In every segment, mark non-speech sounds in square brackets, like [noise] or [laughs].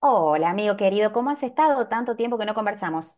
Hola, amigo querido, ¿cómo has estado? Tanto tiempo que no conversamos.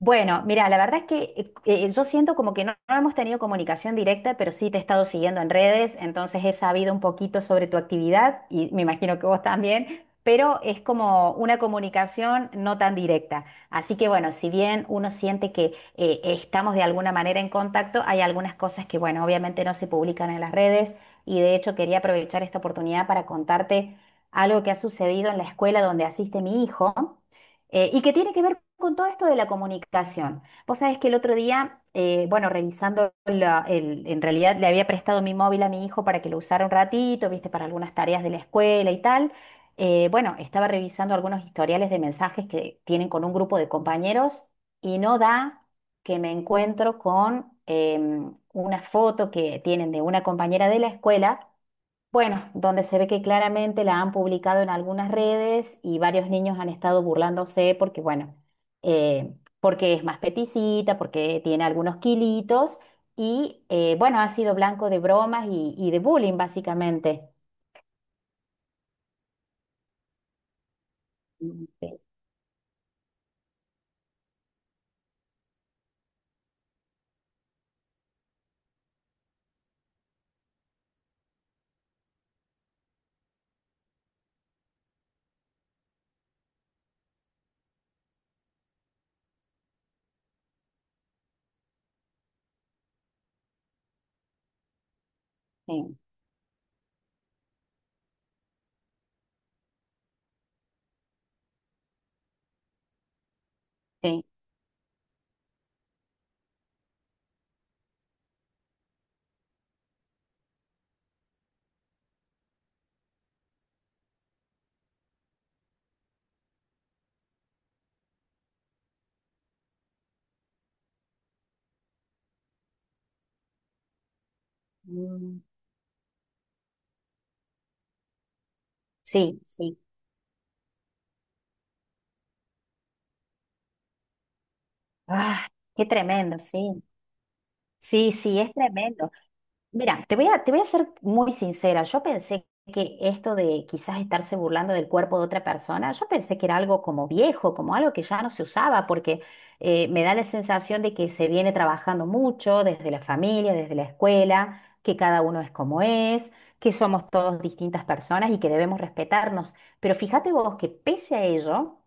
Bueno, mira, la verdad es que yo siento como que no hemos tenido comunicación directa, pero sí te he estado siguiendo en redes, entonces he sabido un poquito sobre tu actividad y me imagino que vos también, pero es como una comunicación no tan directa. Así que bueno, si bien uno siente que estamos de alguna manera en contacto, hay algunas cosas que bueno, obviamente no se publican en las redes y de hecho quería aprovechar esta oportunidad para contarte algo que ha sucedido en la escuela donde asiste mi hijo y que tiene que ver con todo esto de la comunicación. Vos sabés que el otro día, bueno, revisando, en realidad le había prestado mi móvil a mi hijo para que lo usara un ratito, viste, para algunas tareas de la escuela y tal. Bueno, estaba revisando algunos historiales de mensajes que tienen con un grupo de compañeros y no da que me encuentro con una foto que tienen de una compañera de la escuela, bueno, donde se ve que claramente la han publicado en algunas redes y varios niños han estado burlándose porque, bueno, eh, porque es más peticita, porque tiene algunos kilitos y, bueno, ha sido blanco de bromas y de bullying, básicamente. Mm, sí, sí, sí. Mm, sí, sí. Ah, qué tremendo, sí. Sí, sí, es tremendo. Mira, te voy a ser muy sincera. Yo pensé que esto de quizás estarse burlando del cuerpo de otra persona, yo pensé que era algo como viejo, como algo que ya no se usaba, porque me da la sensación de que se viene trabajando mucho desde la familia, desde la escuela, que cada uno es como es, que somos todos distintas personas y que debemos respetarnos. Pero fíjate vos que pese a ello,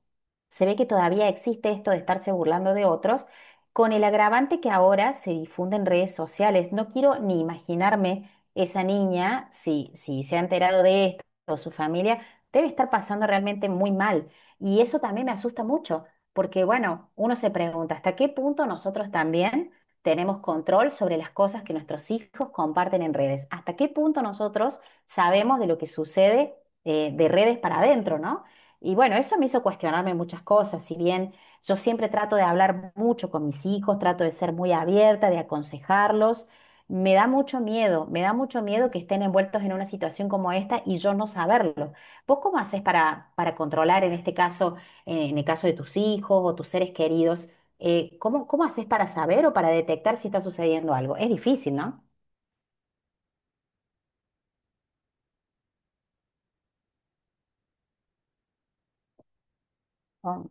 se ve que todavía existe esto de estarse burlando de otros con el agravante que ahora se difunde en redes sociales. No quiero ni imaginarme esa niña, si se ha enterado de esto o su familia, debe estar pasando realmente muy mal. Y eso también me asusta mucho, porque bueno, uno se pregunta, ¿hasta qué punto nosotros también tenemos control sobre las cosas que nuestros hijos comparten en redes? ¿Hasta qué punto nosotros sabemos de lo que sucede, de redes para adentro, ¿no? Y bueno, eso me hizo cuestionarme muchas cosas, si bien... Yo siempre trato de hablar mucho con mis hijos, trato de ser muy abierta, de aconsejarlos. Me da mucho miedo, me da mucho miedo que estén envueltos en una situación como esta y yo no saberlo. ¿Vos cómo haces para controlar en este caso, en el caso de tus hijos o tus seres queridos, cómo haces para saber o para detectar si está sucediendo algo? Es difícil, ¿no? Ah,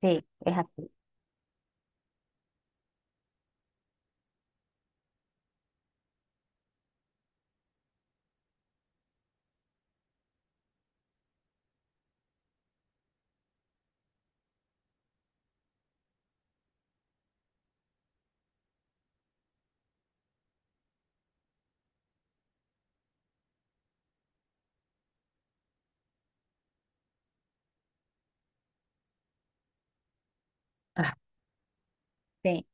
sí, es así. Ah, sí.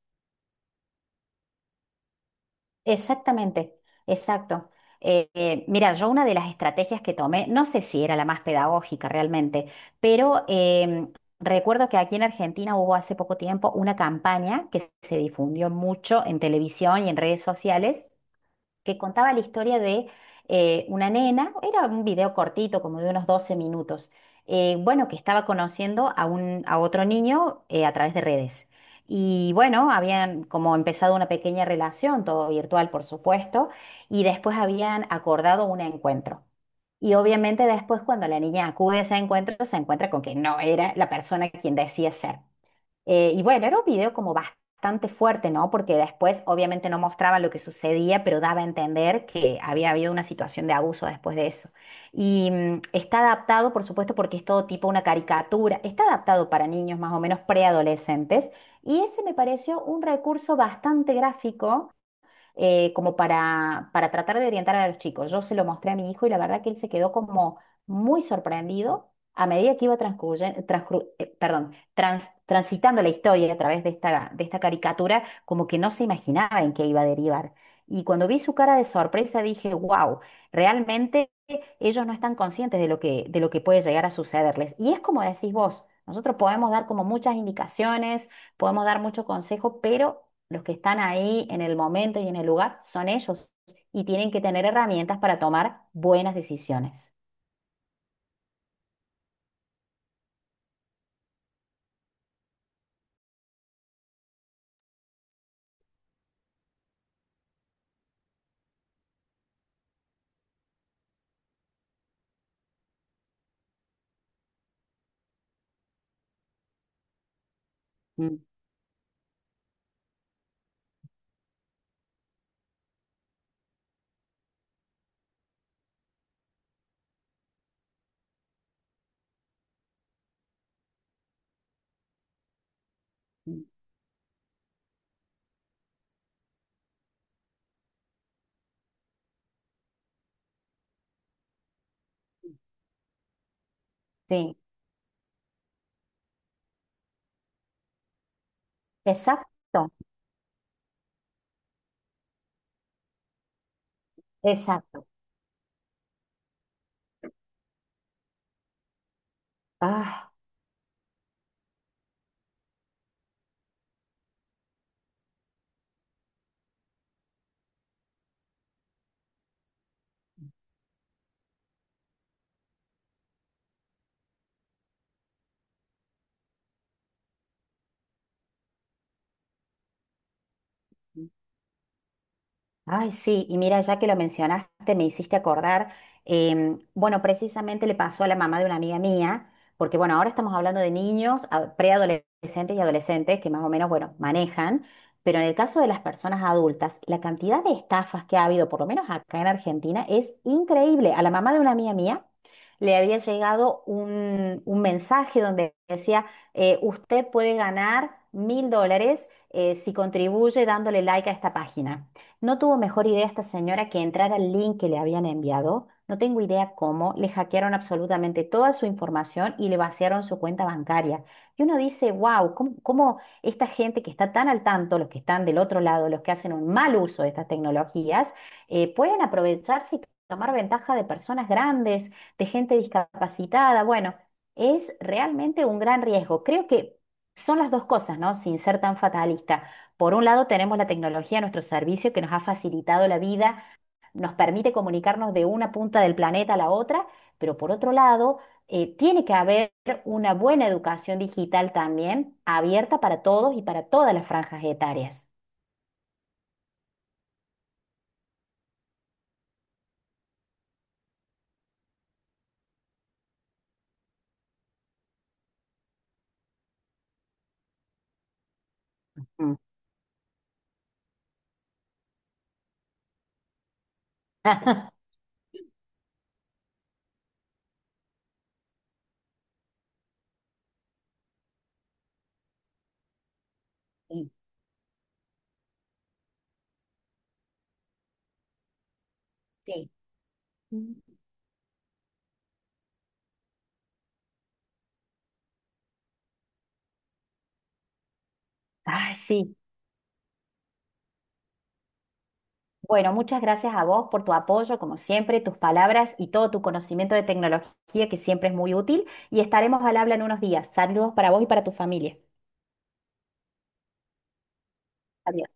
Exactamente, exacto. Mira, yo una de las estrategias que tomé, no sé si era la más pedagógica realmente, pero recuerdo que aquí en Argentina hubo hace poco tiempo una campaña que se difundió mucho en televisión y en redes sociales que contaba la historia de una nena, era un video cortito, como de unos 12 minutos, bueno, que estaba conociendo a otro niño a través de redes. Y bueno, habían como empezado una pequeña relación, todo virtual, por supuesto, y después habían acordado un encuentro. Y obviamente después cuando la niña acude a ese encuentro, se encuentra con que no era la persona quien decía ser. Y bueno, era un video como bastante fuerte, ¿no? Porque después obviamente no mostraba lo que sucedía, pero daba a entender que había habido una situación de abuso después de eso. Y mm, está adaptado, por supuesto, porque es todo tipo una caricatura, está adaptado para niños más o menos preadolescentes. Y ese me pareció un recurso bastante gráfico, para tratar de orientar a los chicos. Yo se lo mostré a mi hijo y la verdad que él se quedó como muy sorprendido a medida que iba transitando la historia a través de de esta caricatura, como que no se imaginaba en qué iba a derivar. Y cuando vi su cara de sorpresa dije, wow, realmente ellos no están conscientes de de lo que puede llegar a sucederles. Y es como decís vos, nosotros podemos dar como muchas indicaciones, podemos dar mucho consejo, pero los que están ahí en el momento y en el lugar son ellos y tienen que tener herramientas para tomar buenas decisiones. Mm, mm, mm. Sí, exacto, exacto. Ah. Ay, sí, y mira, ya que lo mencionaste, me hiciste acordar, bueno, precisamente le pasó a la mamá de una amiga mía, porque bueno, ahora estamos hablando de niños, preadolescentes y adolescentes que más o menos, bueno, manejan, pero en el caso de las personas adultas, la cantidad de estafas que ha habido, por lo menos acá en Argentina, es increíble. A la mamá de una amiga mía le había llegado un mensaje donde decía, usted puede ganar 1.000 dólares si contribuye dándole like a esta página. No tuvo mejor idea esta señora que entrar al link que le habían enviado. No tengo idea cómo. Le hackearon absolutamente toda su información y le vaciaron su cuenta bancaria. Y uno dice, wow, ¿cómo esta gente que está tan al tanto, los que están del otro lado, los que hacen un mal uso de estas tecnologías, pueden aprovecharse y tomar ventaja de personas grandes, de gente discapacitada? Bueno, es realmente un gran riesgo. Creo que son las dos cosas, ¿no? Sin ser tan fatalista, por un lado, tenemos la tecnología a nuestro servicio que nos ha facilitado la vida, nos permite comunicarnos de una punta del planeta a la otra, pero por otro lado, tiene que haber una buena educación digital también, abierta para todos y para todas las franjas etarias. Mm. [laughs] Sí, sí. Ay, sí. Bueno, muchas gracias a vos por tu apoyo, como siempre, tus palabras y todo tu conocimiento de tecnología, que siempre es muy útil, y estaremos al habla en unos días. Saludos para vos y para tu familia. Adiós.